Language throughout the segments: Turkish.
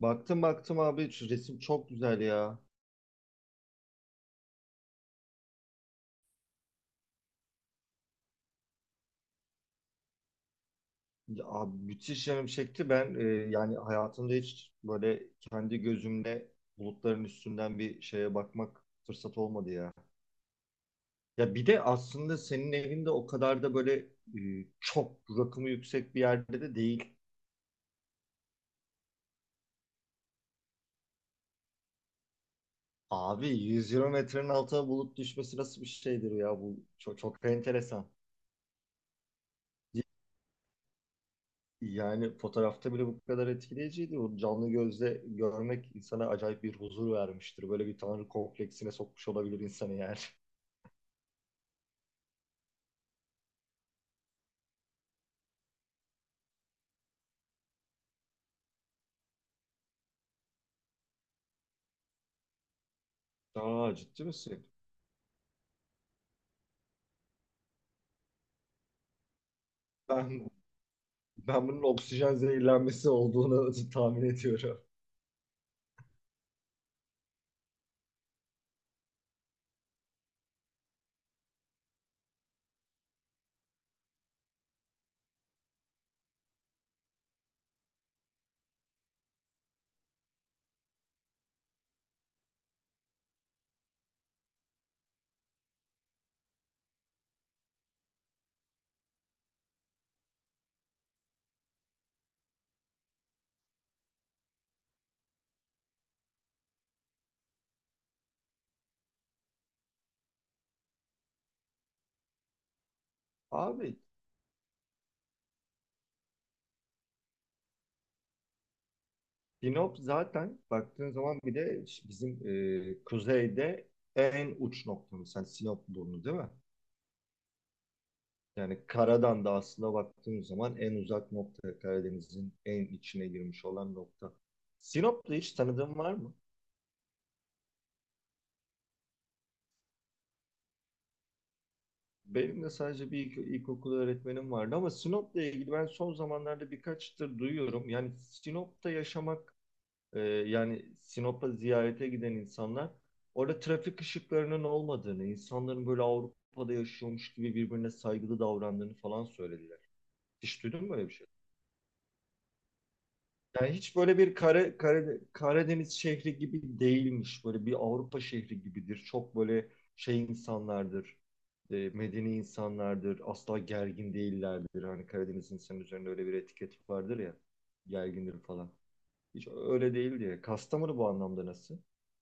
Baktım baktım abi şu resim çok güzel ya. Ya abi, müthiş yanım çekti. Yani hayatımda hiç böyle kendi gözümle bulutların üstünden bir şeye bakmak fırsat olmadı ya. Ya bir de aslında senin evinde o kadar da böyle çok rakımı yüksek bir yerde de değil. Abi 120 metrenin altına bulut düşmesi nasıl bir şeydir ya bu çok, çok enteresan. Yani fotoğrafta bile bu kadar etkileyiciydi. O canlı gözle görmek insana acayip bir huzur vermiştir. Böyle bir tanrı kompleksine sokmuş olabilir insanı yani. Aa, ciddi misin? Ben ben bunun oksijen zehirlenmesi olduğunu tahmin ediyorum. Abi Sinop zaten baktığın zaman bir de bizim kuzeyde en uç noktamız. Yani Sinop burnu değil mi? Yani karadan da aslında baktığımız zaman en uzak nokta Karadeniz'in en içine girmiş olan nokta. Sinop'ta hiç tanıdığın var mı? Benim de sadece bir ilkokul öğretmenim vardı ama Sinop'la ilgili ben son zamanlarda birkaçtır duyuyorum. Yani Sinop'ta yaşamak, yani Sinop'a ziyarete giden insanlar orada trafik ışıklarının olmadığını, insanların böyle Avrupa'da yaşıyormuş gibi birbirine saygılı davrandığını falan söylediler. Hiç duydun mu böyle bir şey? Yani hiç böyle bir Karadeniz şehri gibi değilmiş. Böyle bir Avrupa şehri gibidir. Çok böyle şey insanlardır. E, medeni insanlardır. Asla gergin değillerdir. Hani Karadeniz insanın üzerinde öyle bir etiket vardır ya. Gergindir falan. Hiç öyle değil diye. Kastamonu bu anlamda nasıl?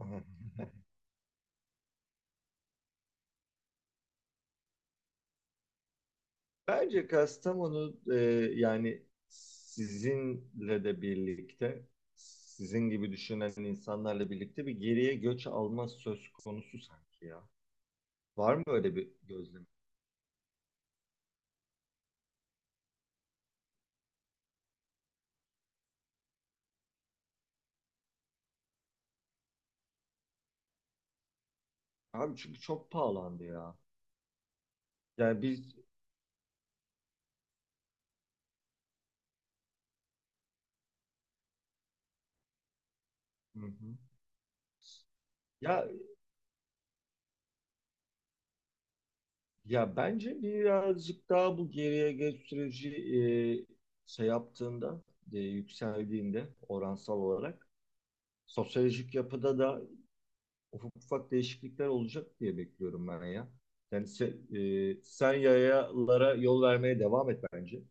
Aha. Bence Kastamonu, yani sizinle de birlikte sizin gibi düşünen insanlarla birlikte bir geriye göç alma söz konusu sanki ya. Var mı öyle bir gözlem? Abi çünkü çok pahalandı ya. Yani biz. Hı hı. Ya, ya bence birazcık daha bu geriye geç süreci, şey yaptığında, yükseldiğinde oransal olarak sosyolojik yapıda da ufak ufak değişiklikler olacak diye bekliyorum ben ya. Yani sen yayalara yol vermeye devam et bence.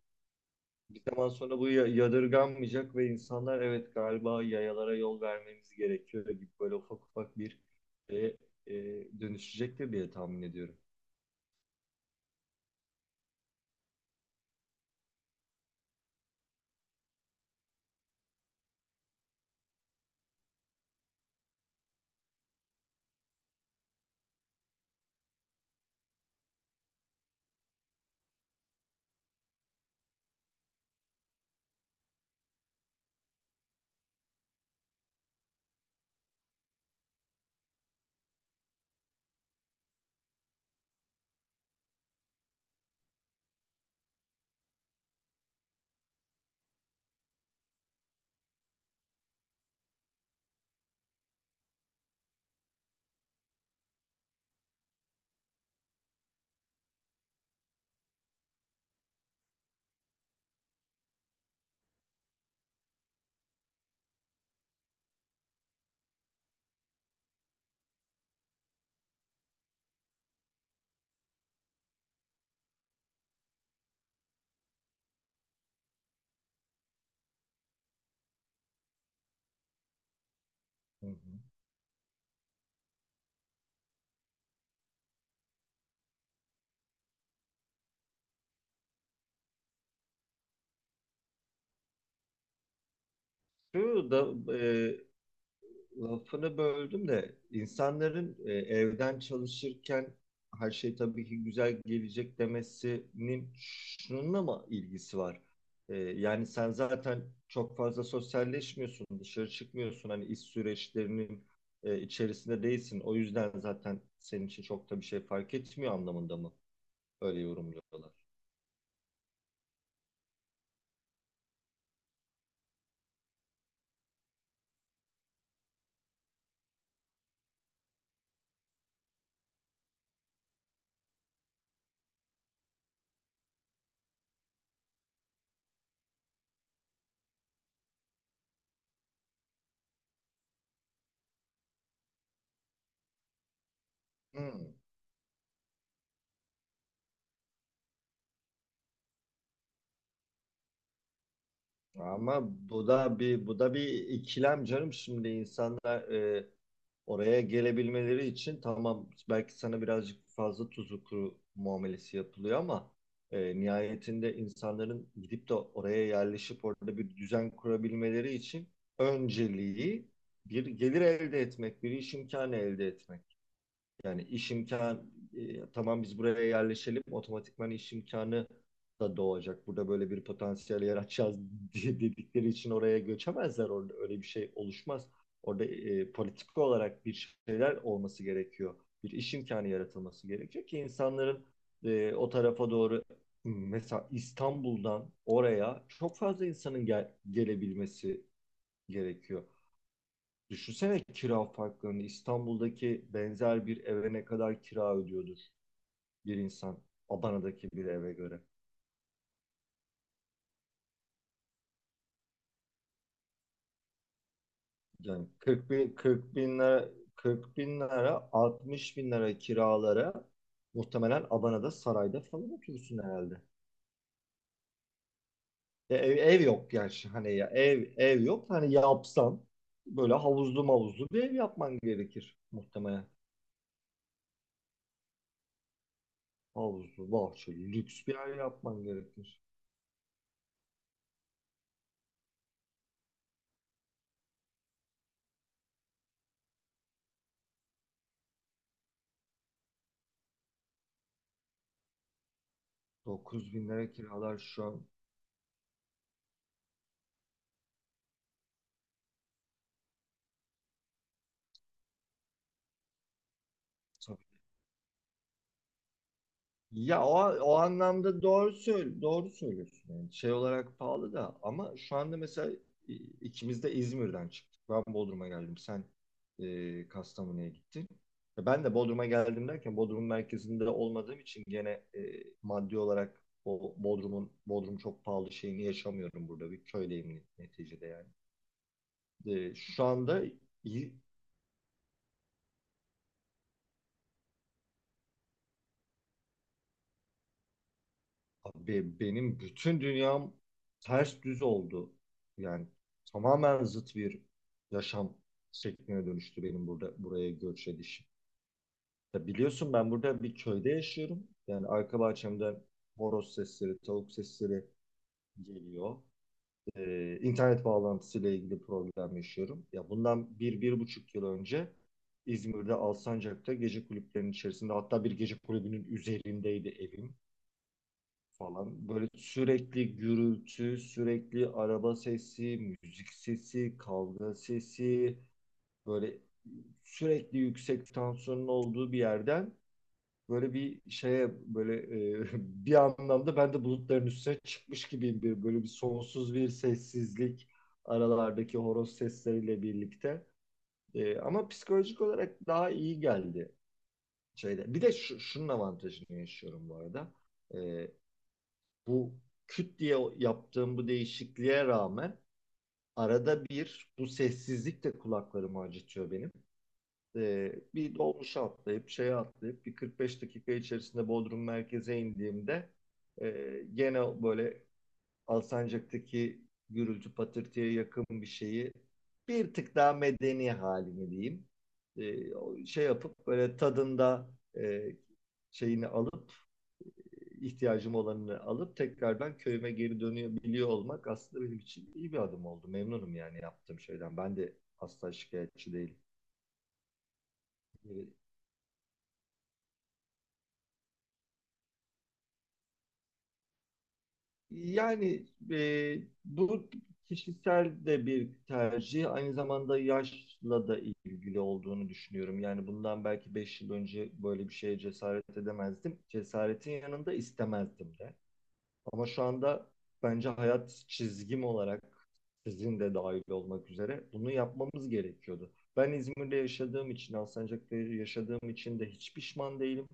Bir zaman sonra bu yadırganmayacak ve insanlar evet galiba yayalara yol vermemiz gerekiyor gibi böyle ufak ufak bir e, e, dönüşecektir diye tahmin ediyorum. Hı hı. Şu da e, lafını böldüm de insanların evden çalışırken her şey tabii ki güzel gelecek demesinin şununla mı ilgisi var? E, yani sen zaten çok fazla sosyalleşmiyorsun, dışarı çıkmıyorsun. Hani iş süreçlerinin içerisinde değilsin. O yüzden zaten senin için çok da bir şey fark etmiyor anlamında mı? Öyle yorumluyorlar. Hmm. Ama bu da bir ikilem canım, şimdi insanlar oraya gelebilmeleri için tamam belki sana birazcık fazla tuzu kuru muamelesi yapılıyor ama nihayetinde insanların gidip de oraya yerleşip orada bir düzen kurabilmeleri için önceliği bir gelir elde etmek, bir iş imkanı elde etmek. Yani iş imkan, tamam biz buraya yerleşelim otomatikman iş imkanı da doğacak. Burada böyle bir potansiyel yaratacağız diye dedikleri için oraya göçemezler. Orada öyle bir şey oluşmaz. Orada politik olarak bir şeyler olması gerekiyor. Bir iş imkanı yaratılması gerekiyor ki insanların o tarafa doğru mesela İstanbul'dan oraya çok fazla insanın gelebilmesi gerekiyor. Düşünsene kira farklarını. İstanbul'daki benzer bir eve ne kadar kira ödüyordur bir insan Adana'daki bir eve göre. Yani 40 bin, 40 bin lira, 40 bin lira, 60 bin lira kiralara muhtemelen Adana'da sarayda falan oturursun herhalde. Ev, ev yok gerçi, hani ya ev ev yok, hani yapsan böyle havuzlu mavuzlu bir ev yapman gerekir muhtemelen. Havuzlu, bahçeli, lüks bir yer yapman gerekir. 9 bin lira kiralar şu an. Ya o, o anlamda doğru söyle, doğru söylüyorsun. Yani şey olarak pahalı da ama şu anda mesela i- ikimiz de İzmir'den çıktık. Ben Bodrum'a geldim. Sen Kastamonu'ya gittin. Ya, ben de Bodrum'a geldim derken Bodrum merkezinde olmadığım için gene e, maddi olarak o Bodrum'un Bodrum çok pahalı şeyini yaşamıyorum burada. Bir köydeyim neticede yani. E, şu anda Abi benim bütün dünyam ters düz oldu. Yani tamamen zıt bir yaşam şekline dönüştü benim burada buraya göç edişim. Ya biliyorsun ben burada bir köyde yaşıyorum. Yani arka bahçemden horoz sesleri, tavuk sesleri geliyor. İnternet bağlantısıyla ilgili problem yaşıyorum. Ya bundan bir, bir buçuk yıl önce İzmir'de Alsancak'ta gece kulüplerinin içerisinde, hatta bir gece kulübünün üzerindeydi evim falan. Böyle sürekli gürültü, sürekli araba sesi, müzik sesi, kavga sesi, böyle sürekli yüksek tansiyonun olduğu bir yerden böyle bir şeye böyle e, bir anlamda ben de bulutların üstüne çıkmış gibiyim, bir böyle bir sonsuz bir sessizlik aralardaki horoz sesleriyle birlikte. E, ama psikolojik olarak daha iyi geldi şeyde. Bir de şunun avantajını yaşıyorum bu arada. E, bu küt diye yaptığım bu değişikliğe rağmen arada bir bu sessizlik de kulaklarımı acıtıyor benim. Bir dolmuşa atlayıp şeye atlayıp bir 45 dakika içerisinde Bodrum merkeze indiğimde, gene böyle Alsancak'taki gürültü patırtıya yakın bir şeyi bir tık daha medeni halini diyeyim. Ee, Şey yapıp böyle tadında e, şeyini alıp ihtiyacım olanını alıp tekrardan köyüme geri dönebiliyor olmak aslında benim için iyi bir adım oldu. Memnunum yani yaptığım şeyden. Ben de asla şikayetçi değilim. Ee, Yani e, bu kişisel de bir tercih. Aynı zamanda yaşla da ilgili olduğunu düşünüyorum. Yani bundan belki 5 yıl önce böyle bir şeye cesaret edemezdim. Cesaretin yanında istemezdim de. Ama şu anda bence hayat çizgim olarak sizin de dahil olmak üzere bunu yapmamız gerekiyordu. Ben İzmir'de yaşadığım için, Alsancak'ta yaşadığım için de hiç pişman değilim.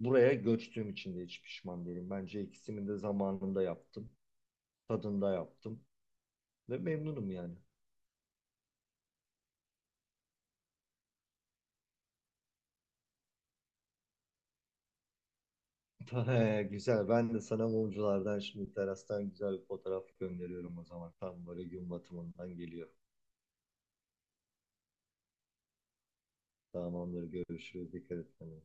Buraya göçtüğüm için de hiç pişman değilim. Bence ikisini de zamanında yaptım, tadında yaptım ve memnunum yani. Güzel. Ben de sana mumculardan şimdi terastan güzel bir fotoğraf gönderiyorum o zaman. Tam böyle gün batımından geliyor. Tamamdır. Görüşürüz. Dikkat et kendine.